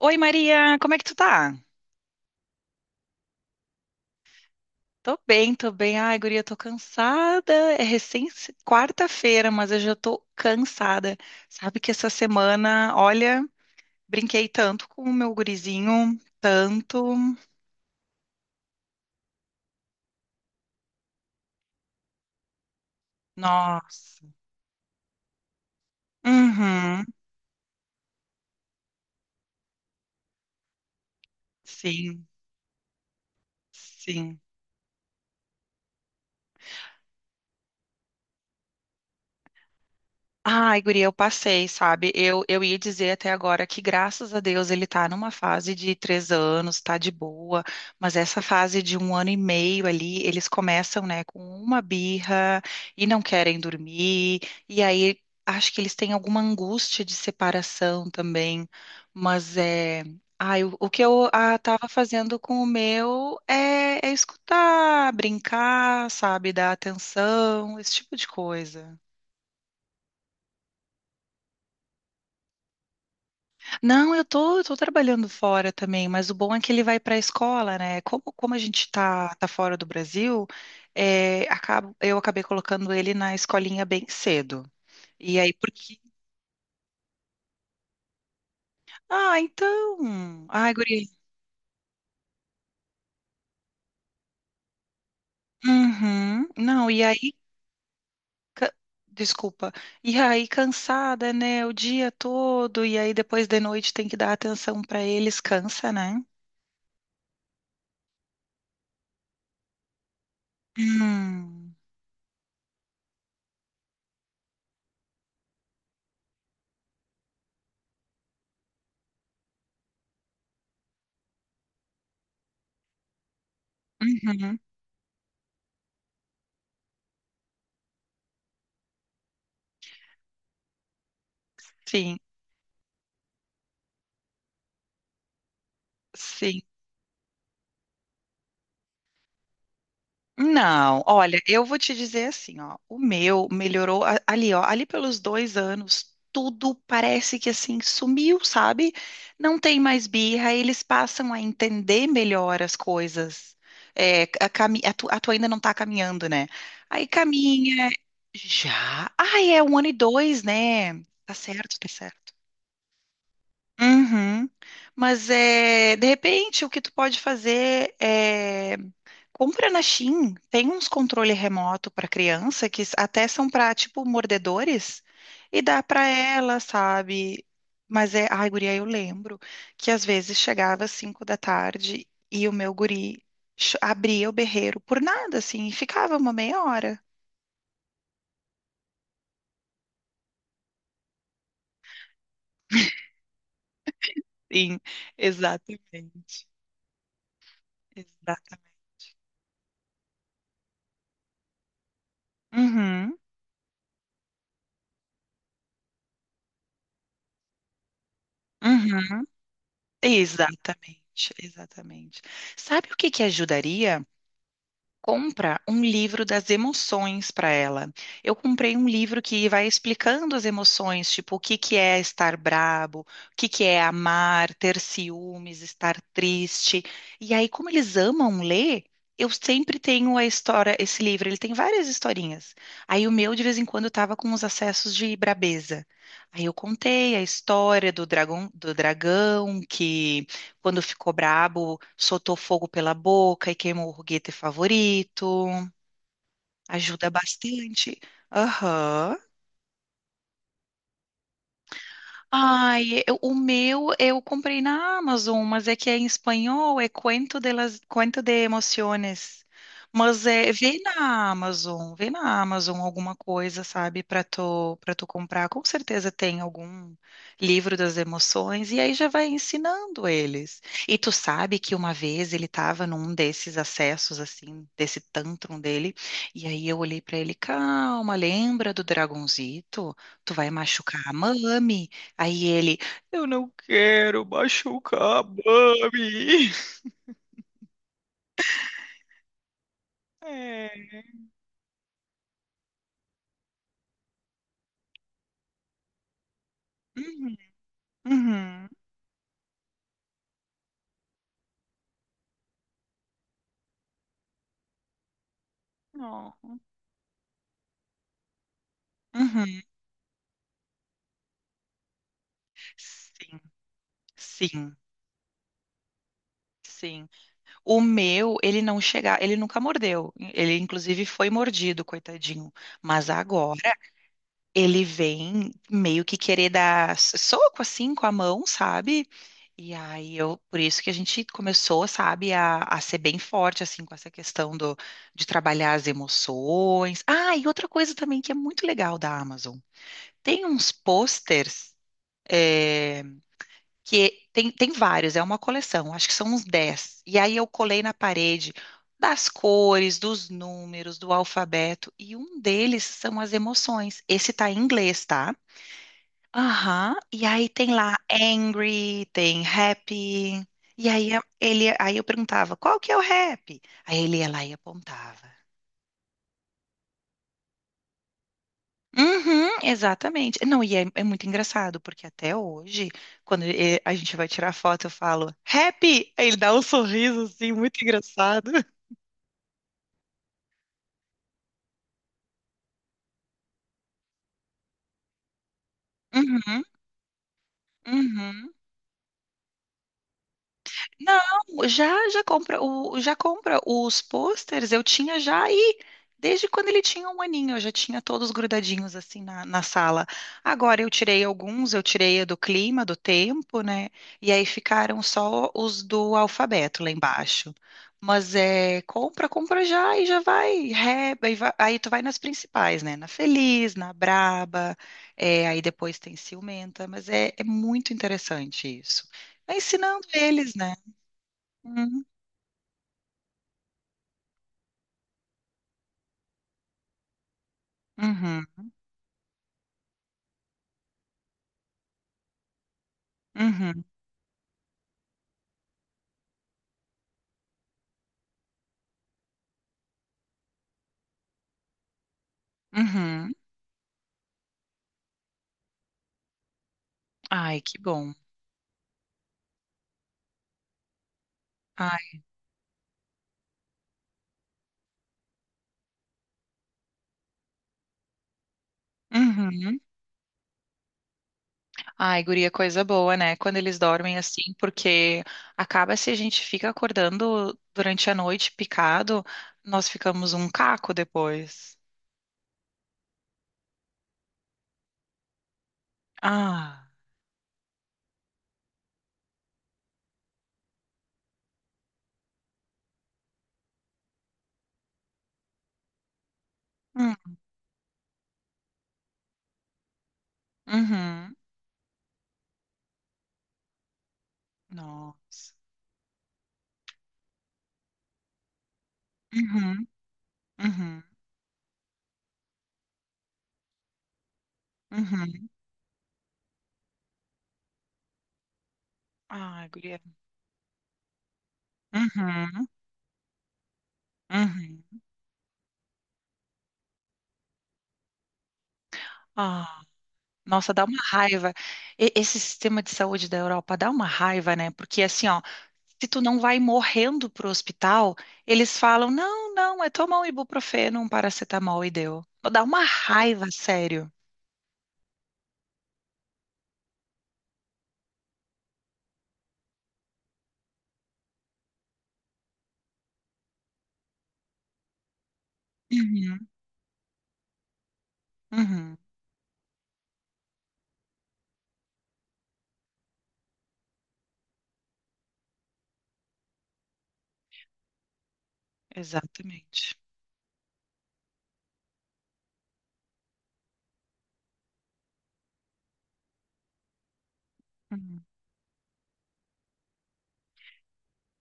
Oi, Maria, como é que tu tá? Tô bem, tô bem. Ai, guria, tô cansada. É recém quarta-feira, mas eu já tô cansada. Sabe que essa semana, olha, brinquei tanto com o meu gurizinho, tanto. Nossa. Uhum. Sim, sim. Ai, guria, eu passei, sabe? Eu ia dizer até agora que, graças a Deus, ele tá numa fase de três anos, tá de boa, mas essa fase de um ano e meio ali, eles começam, né, com uma birra e não querem dormir, e aí acho que eles têm alguma angústia de separação também, mas é. Ai, o que eu tava fazendo com o meu é escutar, brincar, sabe, dar atenção, esse tipo de coisa. Não, eu tô trabalhando fora também, mas o bom é que ele vai para a escola, né? Como a gente tá fora do Brasil, é, eu acabei colocando ele na escolinha bem cedo. E aí, porque. Ah, então. Ai, guri. Uhum. Não, e aí. ca- Desculpa. E aí, cansada, né? O dia todo, e aí depois de noite tem que dar atenção para eles, cansa, né? Hum. Uhum. Sim, sim. Não, olha, eu vou te dizer assim, ó, o meu melhorou ali, ó, ali pelos dois anos, tudo parece que assim sumiu, sabe? Não tem mais birra, eles passam a entender melhor as coisas. É, a tua ainda não tá caminhando, né? Aí caminha, já. Ai, é um ano e dois, né? Tá certo, tá certo. Uhum. Mas é, de repente o que tu pode fazer é compra na Shein, tem uns controle remoto para criança que até são para tipo mordedores e dá para ela, sabe? Mas é, ai, guria, eu lembro que às vezes chegava às 5 da tarde e o meu guri abria o berreiro por nada assim e ficava uma meia hora. Sim, exatamente. Exatamente. Uhum, uhum. Exatamente, exatamente. Sabe o que que ajudaria? Compra um livro das emoções para ela. Eu comprei um livro que vai explicando as emoções, tipo o que que é estar brabo, o que que é amar, ter ciúmes, estar triste. E aí, como eles amam ler, eu sempre tenho a história, esse livro, ele tem várias historinhas. Aí o meu de vez em quando estava com uns acessos de brabeza. Aí eu contei a história do dragão que quando ficou brabo, soltou fogo pela boca e queimou o foguete favorito. Ajuda bastante. Aham. Ai, o meu eu comprei na Amazon, mas é que é em espanhol, é Cuento de las, Cuento de Emociones. Mas é, vê na Amazon alguma coisa, sabe, para tu comprar. Com certeza tem algum livro das emoções e aí já vai ensinando eles. E tu sabe que uma vez ele estava num desses acessos assim, desse tantrum dele, e aí eu olhei para ele, calma, lembra do dragonzito? Tu vai machucar a mami. Aí ele, eu não quero machucar a Mami. É. Uhum. Uhum. Não. Uhum. Sim, sim, sim. O meu, ele não chegar, ele nunca mordeu. Ele, inclusive, foi mordido, coitadinho. Mas agora ele vem meio que querer dar soco assim com a mão, sabe? E aí eu, por isso que a gente começou, sabe, a ser bem forte, assim, com essa questão de trabalhar as emoções. Ah, e outra coisa também que é muito legal da Amazon. Tem uns posters, é, que tem vários, é uma coleção, acho que são uns 10. E aí eu colei na parede das cores, dos números, do alfabeto, e um deles são as emoções. Esse tá em inglês, tá? Aham. E aí tem lá Angry, tem Happy. E aí ele, aí eu perguntava, qual que é o Happy? Aí ele ia lá e apontava. Uhum, exatamente. Não, e é muito engraçado, porque até hoje, quando a gente vai tirar foto, eu falo, Happy! Aí ele dá um sorriso assim, muito engraçado. Uhum, uhum. Não, já já compra o já compra os posters, eu tinha já aí desde quando ele tinha um aninho, eu já tinha todos grudadinhos assim na sala. Agora eu tirei alguns, eu tirei a do clima, do tempo, né? E aí ficaram só os do alfabeto lá embaixo. Mas é, compra, compra já e já vai, aí tu vai nas principais, né? Na Feliz, na Braba, é, aí depois tem Ciumenta, mas é muito interessante isso. Vai ensinando eles, né? Hum. Uhum, uhum, uhum. Ai, que bom. Ai, uhum. Ai, guria, coisa boa, né? Quando eles dormem assim, porque acaba se a gente fica acordando durante a noite picado, nós ficamos um caco depois. Ah, hum, uhum. Nossa. Uhum, uhum, uhum. Ai, guria. Uhum, uhum. Ah. Nossa, dá uma raiva. Esse sistema de saúde da Europa dá uma raiva, né? Porque assim, ó, se tu não vai morrendo pro hospital, eles falam, não, não, é tomar um ibuprofeno, um paracetamol e deu. Dá uma raiva, sério. Uhum, uhum, exatamente. Uhum.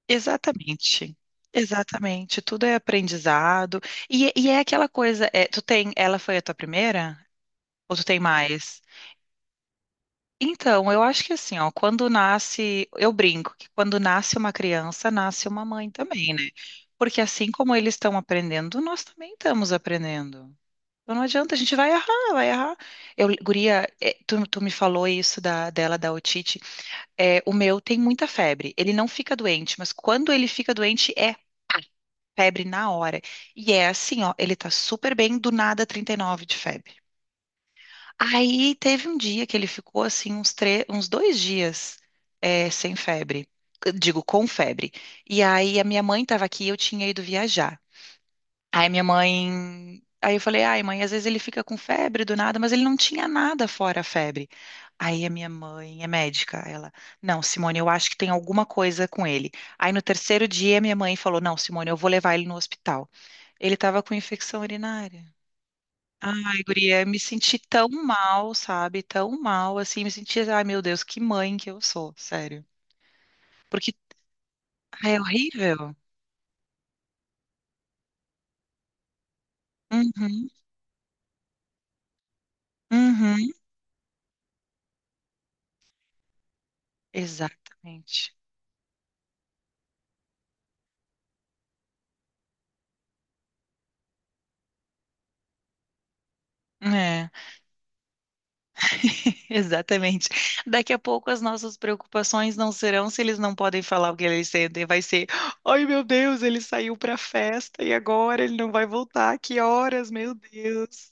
Exatamente. Exatamente. Tudo é aprendizado. E é aquela coisa, é, tu tem, ela foi a tua primeira? Ou tu tem mais? Então, eu acho que assim, ó, quando nasce, eu brinco que quando nasce uma criança, nasce uma mãe também, né? Porque assim como eles estão aprendendo, nós também estamos aprendendo. Então não adianta, a gente vai errar, vai errar. Eu, guria, é, tu me falou isso da otite. É, o meu tem muita febre. Ele não fica doente, mas quando ele fica doente, é pá, febre na hora. E é assim, ó, ele tá super bem, do nada 39 de febre. Aí teve um dia que ele ficou assim uns dois dias sem febre. Eu digo, com febre. E aí a minha mãe estava aqui e eu tinha ido viajar. Aí minha mãe. Aí eu falei, ai, mãe, às vezes ele fica com febre do nada, mas ele não tinha nada fora a febre. Aí a minha mãe é médica. Ela, não, Simone, eu acho que tem alguma coisa com ele. Aí no terceiro dia, minha mãe falou, não, Simone, eu vou levar ele no hospital. Ele estava com infecção urinária. Ai, guria, me senti tão mal, sabe? Tão mal, assim, me senti, ai, meu Deus, que mãe que eu sou, sério. Porque ai, é horrível. Uhum, uhum, exatamente. É, exatamente. Daqui a pouco as nossas preocupações não serão se eles não podem falar o que eles sentem, vai ser, ai, meu Deus, ele saiu pra festa e agora ele não vai voltar, que horas, meu Deus.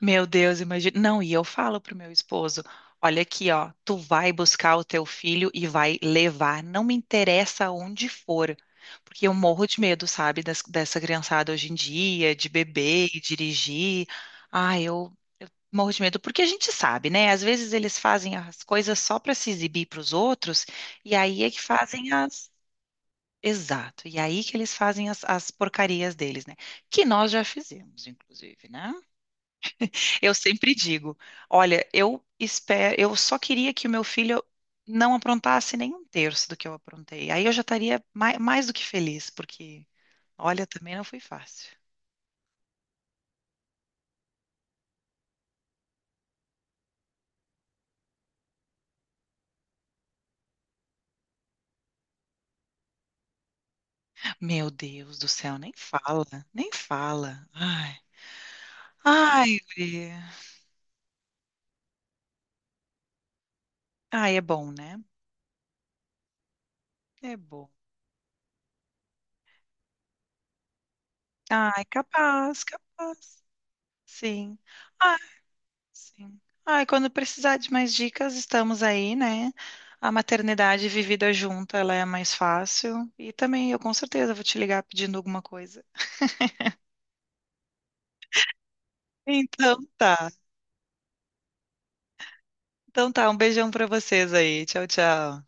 Meu Deus, imagina. Não, e eu falo pro meu esposo, olha aqui, ó, tu vai buscar o teu filho e vai levar, não me interessa onde for, porque eu morro de medo, sabe, dessa criançada hoje em dia, de beber e dirigir. Ah, eu morro de medo, porque a gente sabe, né? Às vezes eles fazem as coisas só para se exibir para os outros, e aí é que fazem as. Exato, e aí que eles fazem as porcarias deles, né? Que nós já fizemos, inclusive, né? Eu sempre digo, olha, eu espero, eu só queria que o meu filho não aprontasse nem um terço do que eu aprontei. Aí eu já estaria mais, mais do que feliz, porque, olha, também não foi fácil. Meu Deus do céu, nem fala, nem fala. Ai, ai, guria. Ai, é bom, né? É bom. Ai, capaz, capaz. Sim. Sim. Ah, e quando precisar de mais dicas, estamos aí, né? A maternidade vivida junta, ela é mais fácil. E também eu com certeza vou te ligar pedindo alguma coisa. Então tá. Então tá, um beijão pra vocês aí. Tchau, tchau.